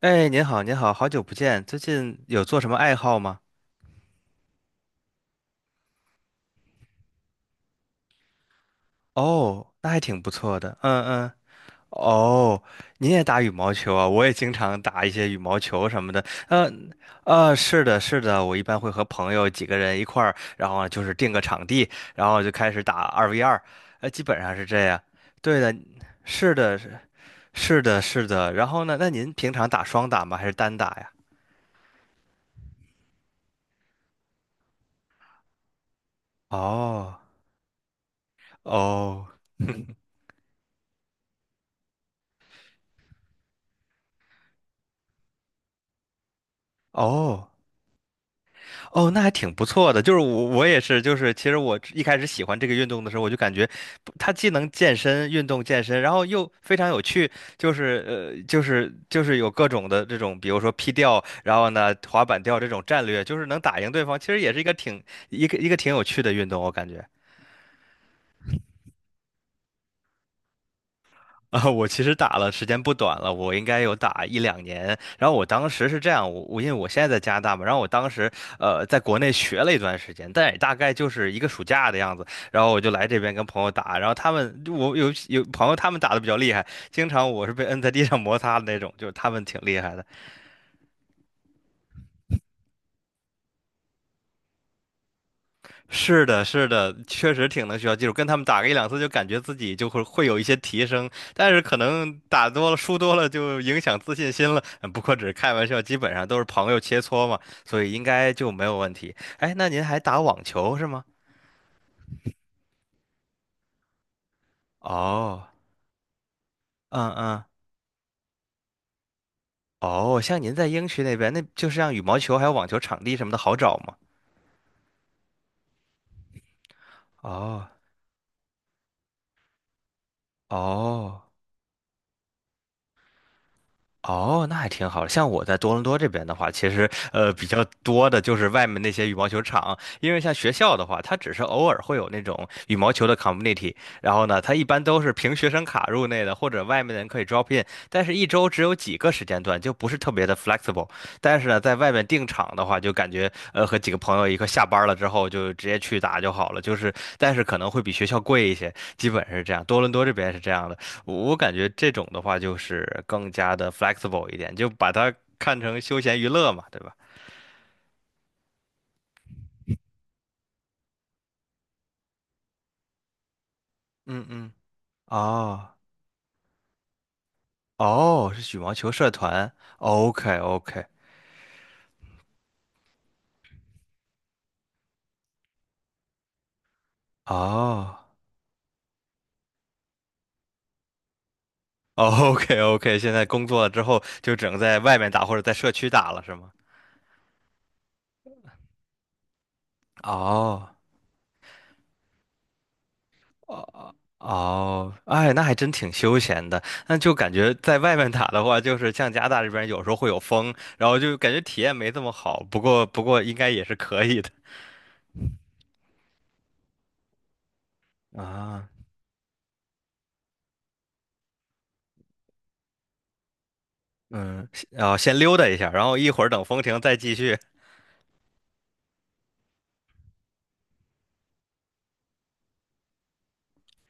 哎，您好，您好，好久不见，最近有做什么爱好吗？哦，那还挺不错的，嗯嗯。哦，您也打羽毛球啊？我也经常打一些羽毛球什么的。嗯，是的，是的，我一般会和朋友几个人一块儿，然后就是定个场地，然后就开始打二 v 二。基本上是这样。对的。是的，是的，是的。然后呢？那您平常打双打吗？还是单打呀？哦，哦，哦。哦，那还挺不错的。就是我也是，就是其实我一开始喜欢这个运动的时候，我就感觉不它既能健身、运动健身，然后又非常有趣。就是，有各种的这种，比如说劈吊，然后呢滑板吊这种战略，就是能打赢对方，其实也是一个挺有趣的运动，我感觉。啊，我其实打了时间不短了，我应该有打一两年。然后我当时是这样，我因为我现在在加拿大嘛，然后我当时在国内学了一段时间，但也大概就是一个暑假的样子。然后我就来这边跟朋友打，然后他们我有朋友他们打的比较厉害，经常我是被摁在地上摩擦的那种，就是他们挺厉害的。是的，是的，确实挺能学到技术，跟他们打个一两次就感觉自己就会有一些提升，但是可能打多了、输多了就影响自信心了。嗯不过只是开玩笑，基本上都是朋友切磋嘛，所以应该就没有问题。哎，那您还打网球是吗？哦，嗯嗯。哦，像您在英区那边，那就是像羽毛球还有网球场地什么的好找吗？哦，哦。哦，那还挺好的。像我在多伦多这边的话，其实比较多的就是外面那些羽毛球场，因为像学校的话，它只是偶尔会有那种羽毛球的 community，然后呢，它一般都是凭学生卡入内的，或者外面的人可以 drop in，但是一周只有几个时间段，就不是特别的 flexible。但是呢，在外面订场的话，就感觉和几个朋友一块下班了之后就直接去打就好了，就是但是可能会比学校贵一些，基本是这样。多伦多这边是这样的。我感觉这种的话就是更加的 flexible 一点，就把它看成休闲娱乐嘛，对吧？嗯嗯。哦，哦，是羽毛球社团，OK OK。哦， OK OK，现在工作了之后就只能在外面打或者在社区打了，是吗？哦，哦，哦，哎，那还真挺休闲的。那就感觉在外面打的话，就是像加拿大这边有时候会有风，然后就感觉体验没这么好。不过应该也是可以的啊。嗯，先溜达一下，然后一会儿等风停再继续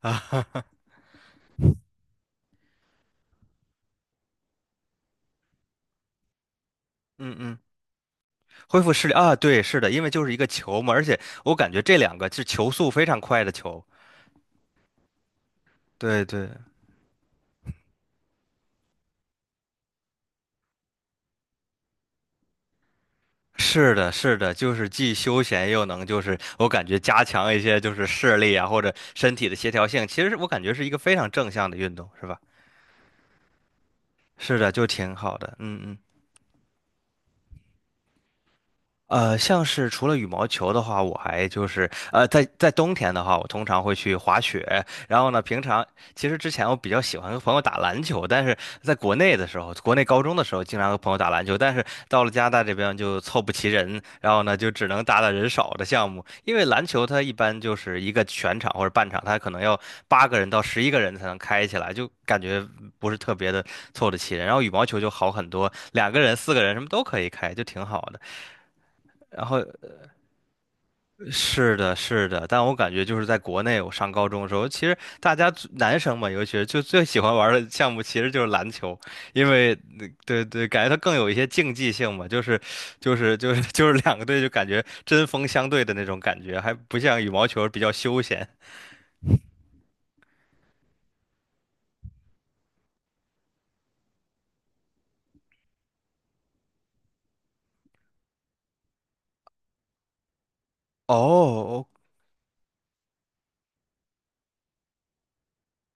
啊。哈哈。嗯嗯，恢复视力啊，对，是的，因为就是一个球嘛，而且我感觉这两个是球速非常快的球。对对，是的，是的，就是既休闲又能，就是我感觉加强一些就是视力啊或者身体的协调性，其实我感觉是一个非常正向的运动，是吧？是的，就挺好的。嗯嗯。像是除了羽毛球的话，我还就是在冬天的话，我通常会去滑雪。然后呢，平常其实之前我比较喜欢和朋友打篮球，但是在国内的时候，国内高中的时候经常和朋友打篮球，但是到了加拿大这边就凑不齐人，然后呢就只能打打人少的项目。因为篮球它一般就是一个全场或者半场，它可能要八个人到十一个人才能开起来，就感觉不是特别的凑得齐人。然后羽毛球就好很多，两个人、四个人什么都可以开，就挺好的。然后是的，是的，但我感觉就是在国内，我上高中的时候，其实大家最男生嘛，尤其是就最喜欢玩的项目其实就是篮球，因为对对，感觉它更有一些竞技性嘛，就是两个队就感觉针锋相对的那种感觉，还不像羽毛球比较休闲。哦，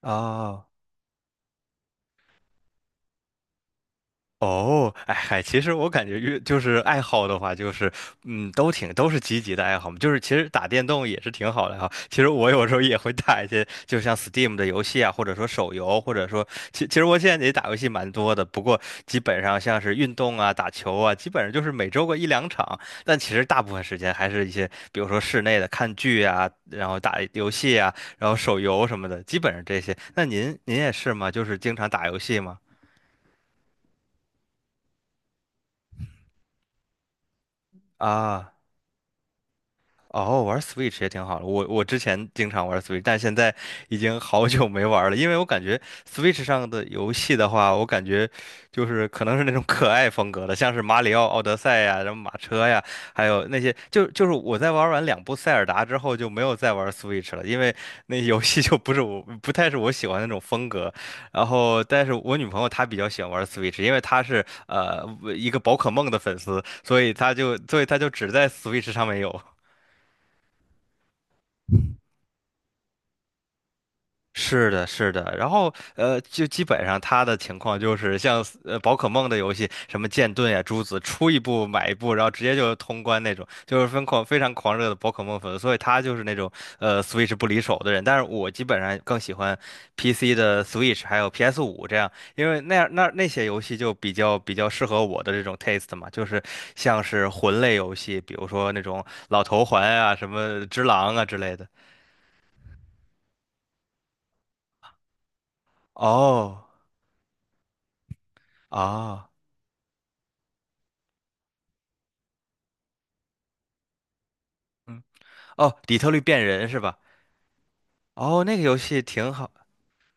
哦，啊。哦，哎嗨，其实我感觉越就是爱好的话，就是嗯，都是积极的爱好嘛。就是其实打电动也是挺好的哈。其实我有时候也会打一些，就像 Steam 的游戏啊，或者说手游，或者说其实我现在也打游戏蛮多的，不过基本上像是运动啊、打球啊，基本上就是每周个一两场。但其实大部分时间还是一些，比如说室内的看剧啊，然后打游戏啊，然后手游什么的，基本上这些。那您也是吗？就是经常打游戏吗？啊。哦，玩 Switch 也挺好的。我之前经常玩 Switch，但现在已经好久没玩了，因为我感觉 Switch 上的游戏的话，我感觉就是可能是那种可爱风格的，像是马里奥奥德赛呀、什么马车呀，还有那些，就是我在玩完两部塞尔达之后就没有再玩 Switch 了，因为那游戏就不是我不太是我喜欢的那种风格。然后，但是我女朋友她比较喜欢玩 Switch，因为她是一个宝可梦的粉丝，所以她就只在 Switch 上面有。是的，是的，然后就基本上他的情况就是像宝可梦的游戏，什么剑盾呀、朱子，出一部买一部，然后直接就通关那种，就是疯狂非常狂热的宝可梦粉，所以他就是那种Switch 不离手的人。但是我基本上更喜欢 PC 的 Switch 还有 PS5这样，因为那样那些游戏就比较适合我的这种 taste 嘛，就是像是魂类游戏，比如说那种老头环啊、什么只狼啊之类的。哦，啊。哦，底特律变人是吧？哦，那个游戏挺好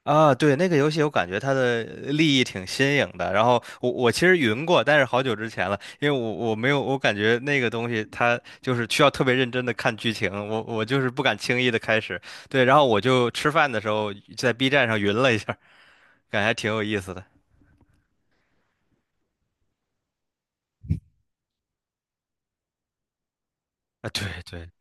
啊。对，那个游戏我感觉它的立意挺新颖的。然后我其实云过，但是好久之前了，因为我没有，我感觉那个东西它就是需要特别认真的看剧情，我就是不敢轻易的开始。对，然后我就吃饭的时候在 B 站上云了一下，感觉还挺有意思的啊。对对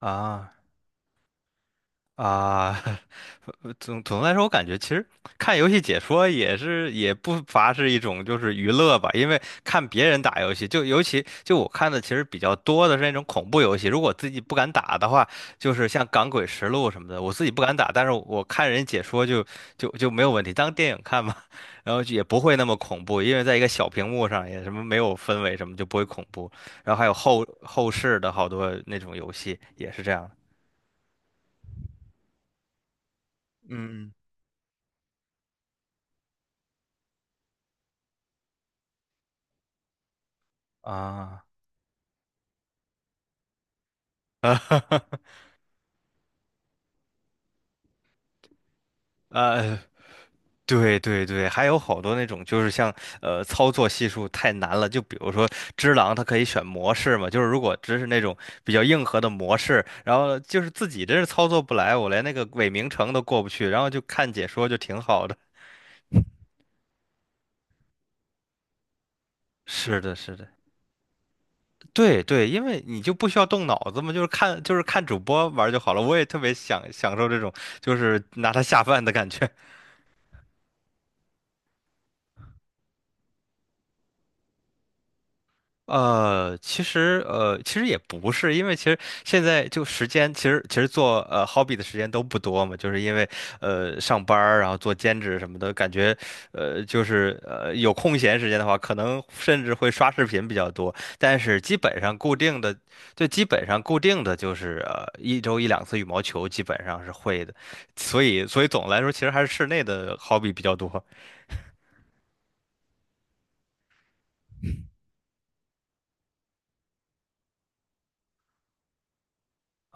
啊。啊，总的来说，我感觉其实看游戏解说也是也不乏是一种就是娱乐吧，因为看别人打游戏，就尤其就我看的其实比较多的是那种恐怖游戏，如果自己不敢打的话，就是像《港诡实录》什么的，我自己不敢打，但是我看人解说就没有问题，当电影看嘛，然后就也不会那么恐怖，因为在一个小屏幕上也什么没有氛围什么就不会恐怖，然后还有后世的好多那种游戏也是这样的。嗯，啊。啊，哈哈。呃，对对对，还有好多那种就是像操作系数太难了，就比如说只狼它可以选模式嘛，就是如果只是那种比较硬核的模式，然后就是自己真是操作不来，我连那个伪名城都过不去，然后就看解说就挺好的。是的，是的，对对，因为你就不需要动脑子嘛，就是看主播玩儿就好了。我也特别享受这种就是拿它下饭的感觉。其实也不是，因为其实现在就时间，其实做hobby 的时间都不多嘛，就是因为上班儿，然后做兼职什么的，感觉就是有空闲时间的话，可能甚至会刷视频比较多，但是基本上固定的就是一周一两次羽毛球，基本上是会的，所以总的来说，其实还是室内的 hobby 比较多。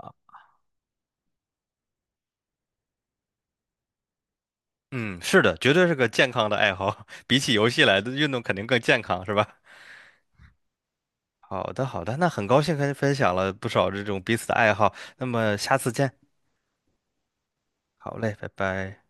啊。嗯，是的，绝对是个健康的爱好。比起游戏来的运动肯定更健康，是吧？好的，好的，那很高兴跟你分享了不少这种彼此的爱好，那么下次见，好嘞，拜拜。